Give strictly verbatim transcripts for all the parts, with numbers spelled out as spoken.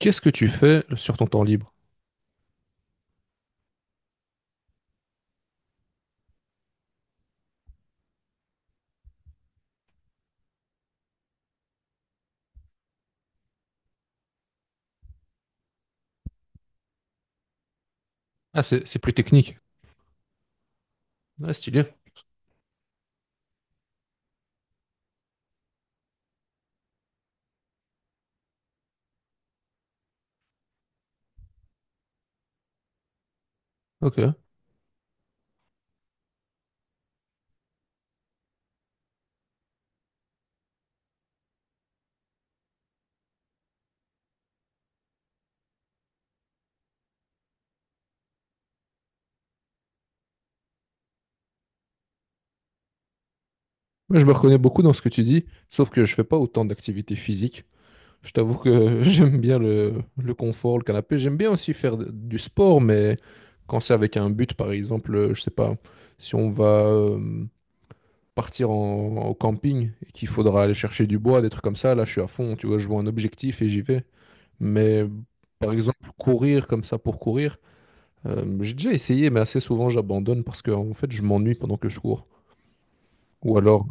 Qu'est-ce que tu fais sur ton temps libre? Ah, c'est c'est plus technique. Ah, stylé. Ok. Moi, je me reconnais beaucoup dans ce que tu dis, sauf que je fais pas autant d'activités physiques. Je t'avoue que j'aime bien le, le confort, le canapé. J'aime bien aussi faire de- du sport, mais quand c'est avec un but, par exemple, euh, je sais pas, si on va euh, partir en, au camping et qu'il faudra aller chercher du bois, des trucs comme ça, là, je suis à fond. Tu vois, je vois un objectif et j'y vais. Mais par exemple, courir comme ça pour courir. Euh, j'ai déjà essayé, mais assez souvent j'abandonne parce que en fait je m'ennuie pendant que je cours. Ou alors,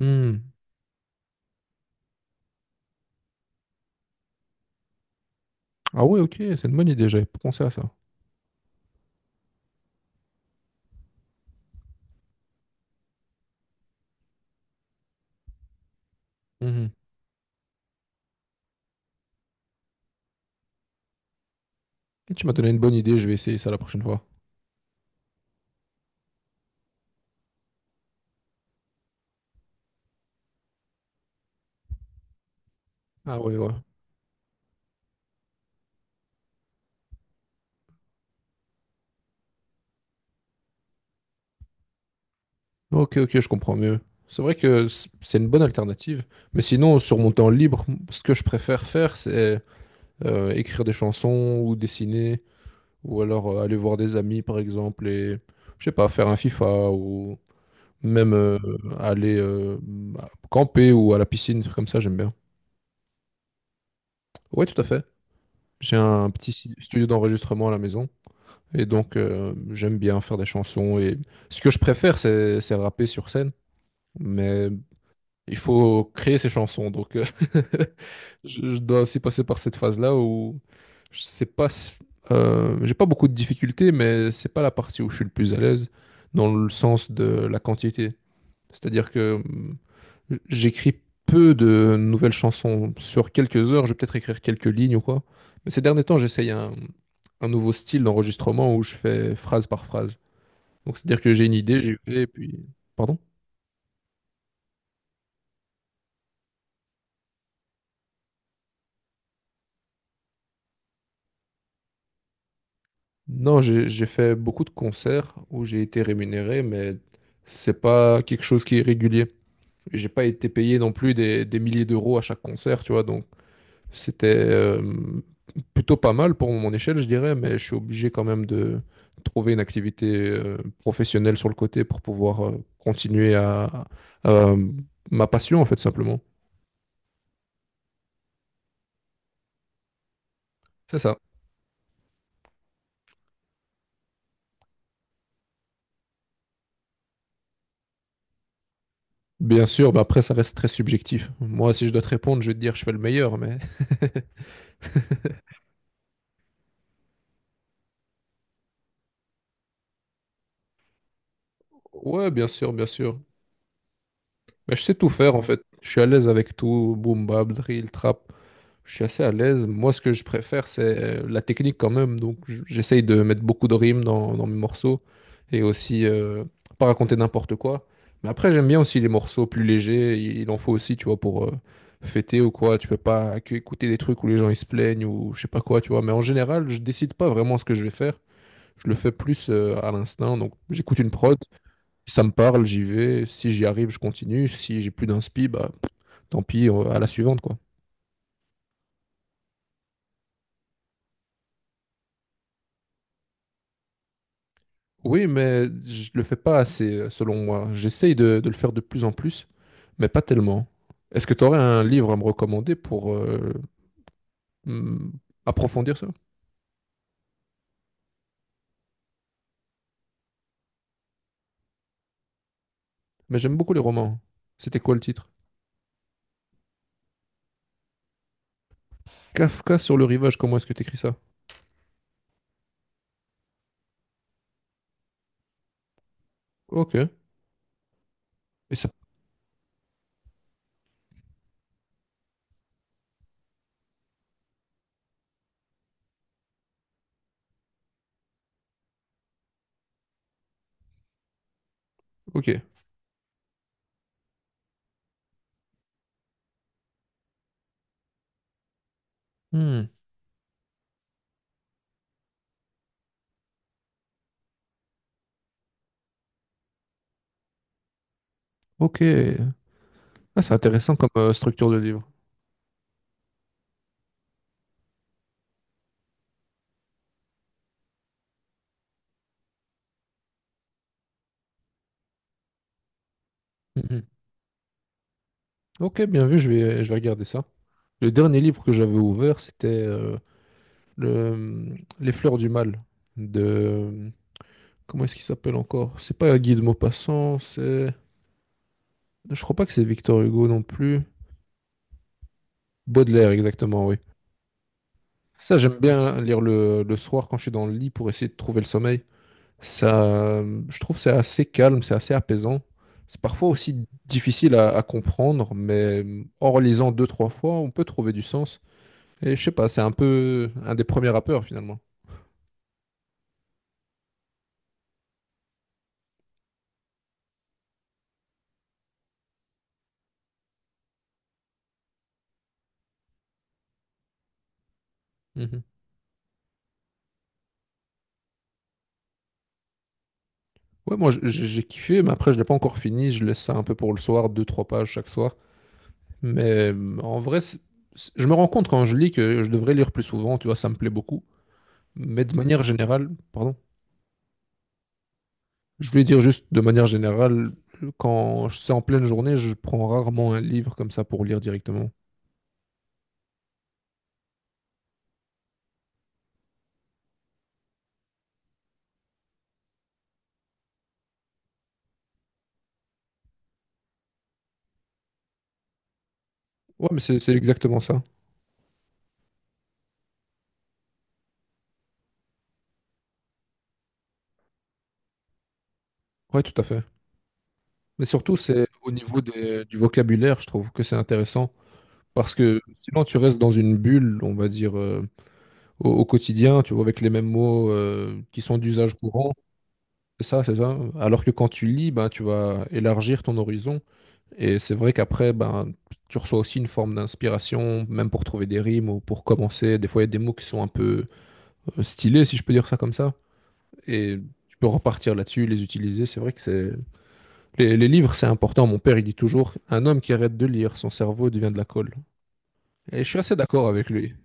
euh, Hmm. Ah ouais, ok, c'est une bonne idée, j'avais pas pensé à ça. Mhm. Et Tu m'as donné une bonne idée, je vais essayer ça la prochaine fois. Ah ouais, ouais. Ok, ok, je comprends mieux. C'est vrai que c- c'est une bonne alternative. Mais sinon, sur mon temps libre, ce que je préfère faire, c'est euh, écrire des chansons ou dessiner, ou alors euh, aller voir des amis, par exemple, et je sais pas, faire un FIFA ou Même euh, aller euh, bah, camper ou à la piscine, des trucs comme ça, j'aime bien. Oui, tout à fait. J'ai un petit si- studio d'enregistrement à la maison. Et donc, euh, j'aime bien faire des chansons. Et ce que je préfère, c'est, c'est rapper sur scène. Mais il faut créer ses chansons. Donc, euh, je, je dois aussi passer par cette phase-là où je sais pas, si- euh, j'ai pas beaucoup de difficultés, mais c'est pas la partie où je suis le plus à l'aise dans le sens de la quantité. C'est-à-dire que J'écris peu de nouvelles chansons. Sur quelques heures, je vais peut-être écrire quelques lignes ou quoi. Mais ces derniers temps, j'essaye un, un nouveau style d'enregistrement où je fais phrase par phrase. Donc, c'est-à-dire que j'ai une idée, j'y vais, et puis... Pardon? Non, j'ai j'ai fait beaucoup de concerts où j'ai été rémunéré, mais c'est pas quelque chose qui est régulier. Et J'ai pas été payé non plus des, des milliers d'euros à chaque concert, tu vois, donc c'était euh, plutôt pas mal pour mon échelle, je dirais, mais je suis obligé quand même de trouver une activité euh, professionnelle sur le côté pour pouvoir euh, continuer à, à euh, ma passion, en fait, simplement. C'est ça. Bien sûr, bah après, ça reste très subjectif. Moi, si je dois te répondre, je vais te dire je fais le meilleur, mais... Ouais, bien sûr, bien sûr. Mais je sais tout faire, en fait. Je suis à l'aise avec tout, boom, bap, drill, trap. je suis assez à l'aise. Moi, ce que je préfère, c'est euh, la technique quand même. Donc, j- j'essaye de mettre beaucoup de rimes dans, dans mes morceaux et aussi euh, pas raconter n'importe quoi. Mais après, j'aime bien aussi les morceaux plus légers. Il, il en faut aussi, tu vois, pour euh, fêter ou quoi. Tu peux pas que écouter des trucs où les gens ils se plaignent ou je sais pas quoi, tu vois. Mais en général, je décide pas vraiment ce que je vais faire. Je le fais plus euh, à l'instinct. Donc, j'écoute une prod. Si ça me parle, j'y vais. Si j'y arrive, je continue. Si j'ai plus d'inspi, bah, tant pis, euh, à la suivante, quoi. Oui, mais je le fais pas assez, euh, selon moi. J'essaye de, de le faire de plus en plus, mais pas tellement. Est-ce que tu aurais un livre à me recommander pour euh, hmm, approfondir ça? Mais j'aime beaucoup les romans. C'était quoi le titre? Kafka sur le rivage, comment est-ce que tu écris ça? Ok. Et ça... Ok. Hmm. Ok. Ah, c'est intéressant comme euh, structure de livre. Mhm. Ok, bien vu, je vais, je vais regarder ça. Le dernier livre que j'avais ouvert, c'était euh, le, mm, Les Fleurs du Mal de... Comment est-ce qu'il s'appelle encore? C'est pas Guy de Maupassant, c'est. Je crois pas que c'est Victor Hugo non plus. Baudelaire, exactement, oui. Ça, j'aime bien lire le, le soir quand je suis dans le lit pour essayer de trouver le sommeil. Ça, euh, je trouve que c'est assez calme, c'est assez apaisant. C'est parfois aussi difficile à, à comprendre, mais euh, en relisant deux, trois fois, on peut trouver du sens. Et je sais pas, c'est un peu un des premiers rappeurs finalement. Mhm. Ouais, moi j- j'ai kiffé, mais après je l'ai pas encore fini. Je laisse ça un peu pour le soir, deux, trois pages chaque soir. Mais euh, en vrai, c'est- c'est- je me rends compte quand je lis que je devrais lire plus souvent, tu vois, ça me plaît beaucoup. Mais de manière générale, pardon, je voulais dire juste de manière générale, quand je- c'est en pleine journée, je prends rarement un livre comme ça pour lire directement. Ouais, mais c'est c'est exactement ça. Ouais, tout à fait. Mais surtout, c'est au niveau des- du vocabulaire, je trouve que c'est intéressant. Parce que sinon, tu restes dans une bulle, on va dire, euh, au, au quotidien, tu vois, avec les mêmes mots euh, qui sont d'usage courant. C'est ça, c'est ça. Alors que quand tu lis, ben, tu vas élargir ton horizon. Et c'est vrai qu'après, ben, tu reçois aussi une forme d'inspiration, même pour trouver des rimes ou pour commencer. Des fois, il y a des mots qui sont un peu euh, stylés, si je peux dire ça comme ça. Et tu peux repartir là-dessus, les utiliser. C'est vrai que c'est... Les, les livres, c'est important. Mon père, il dit toujours, un homme qui arrête de lire, son cerveau devient de la colle. Et je suis assez d'accord avec lui.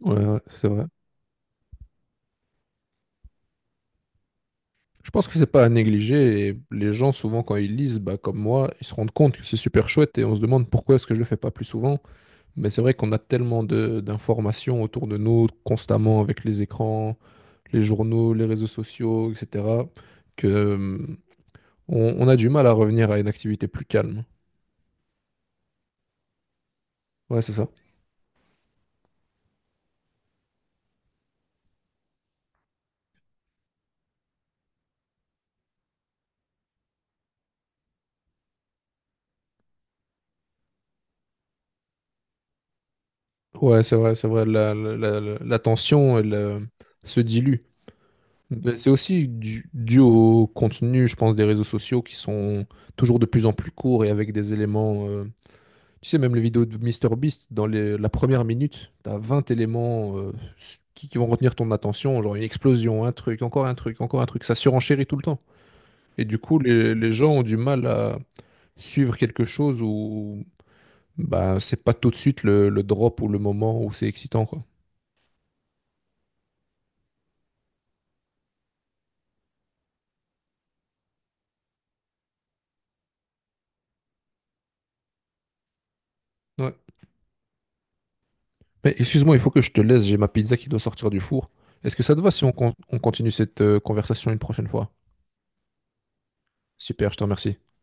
Ouais, ouais, c'est vrai. Je pense que c'est pas à négliger et les gens souvent quand ils lisent, bah, comme moi, ils se rendent compte que c'est super chouette et on se demande pourquoi est-ce que je le fais pas plus souvent. Mais c'est vrai qu'on a tellement de d'informations autour de nous constamment avec les écrans, les journaux, les réseaux sociaux, et cetera que euh, on, on a du mal à revenir à une activité plus calme. Ouais, c'est ça. Ouais, c'est vrai, c'est vrai. La, la, la- la tension, elle, euh, se dilue. Mais C'est aussi du- dû au contenu, je pense, des réseaux sociaux qui sont toujours de plus en plus courts et avec des éléments. Euh, tu sais, même les vidéos de MrBeast, dans les- la première minute, t'as vingt éléments euh, s- qui, qui vont retenir ton attention, genre une explosion, un truc, encore un truc, encore un truc. Ça surenchérit tout le temps. Et du coup, les, les gens ont du mal à suivre quelque chose où bah, c'est pas tout de suite le, le drop ou le moment où c'est excitant, quoi. Ouais. Mais excuse-moi, il faut que je te laisse, j'ai ma pizza qui doit sortir du four. Est-ce que ça te va si on, con- on continue cette euh, conversation une prochaine fois? Super, je te remercie.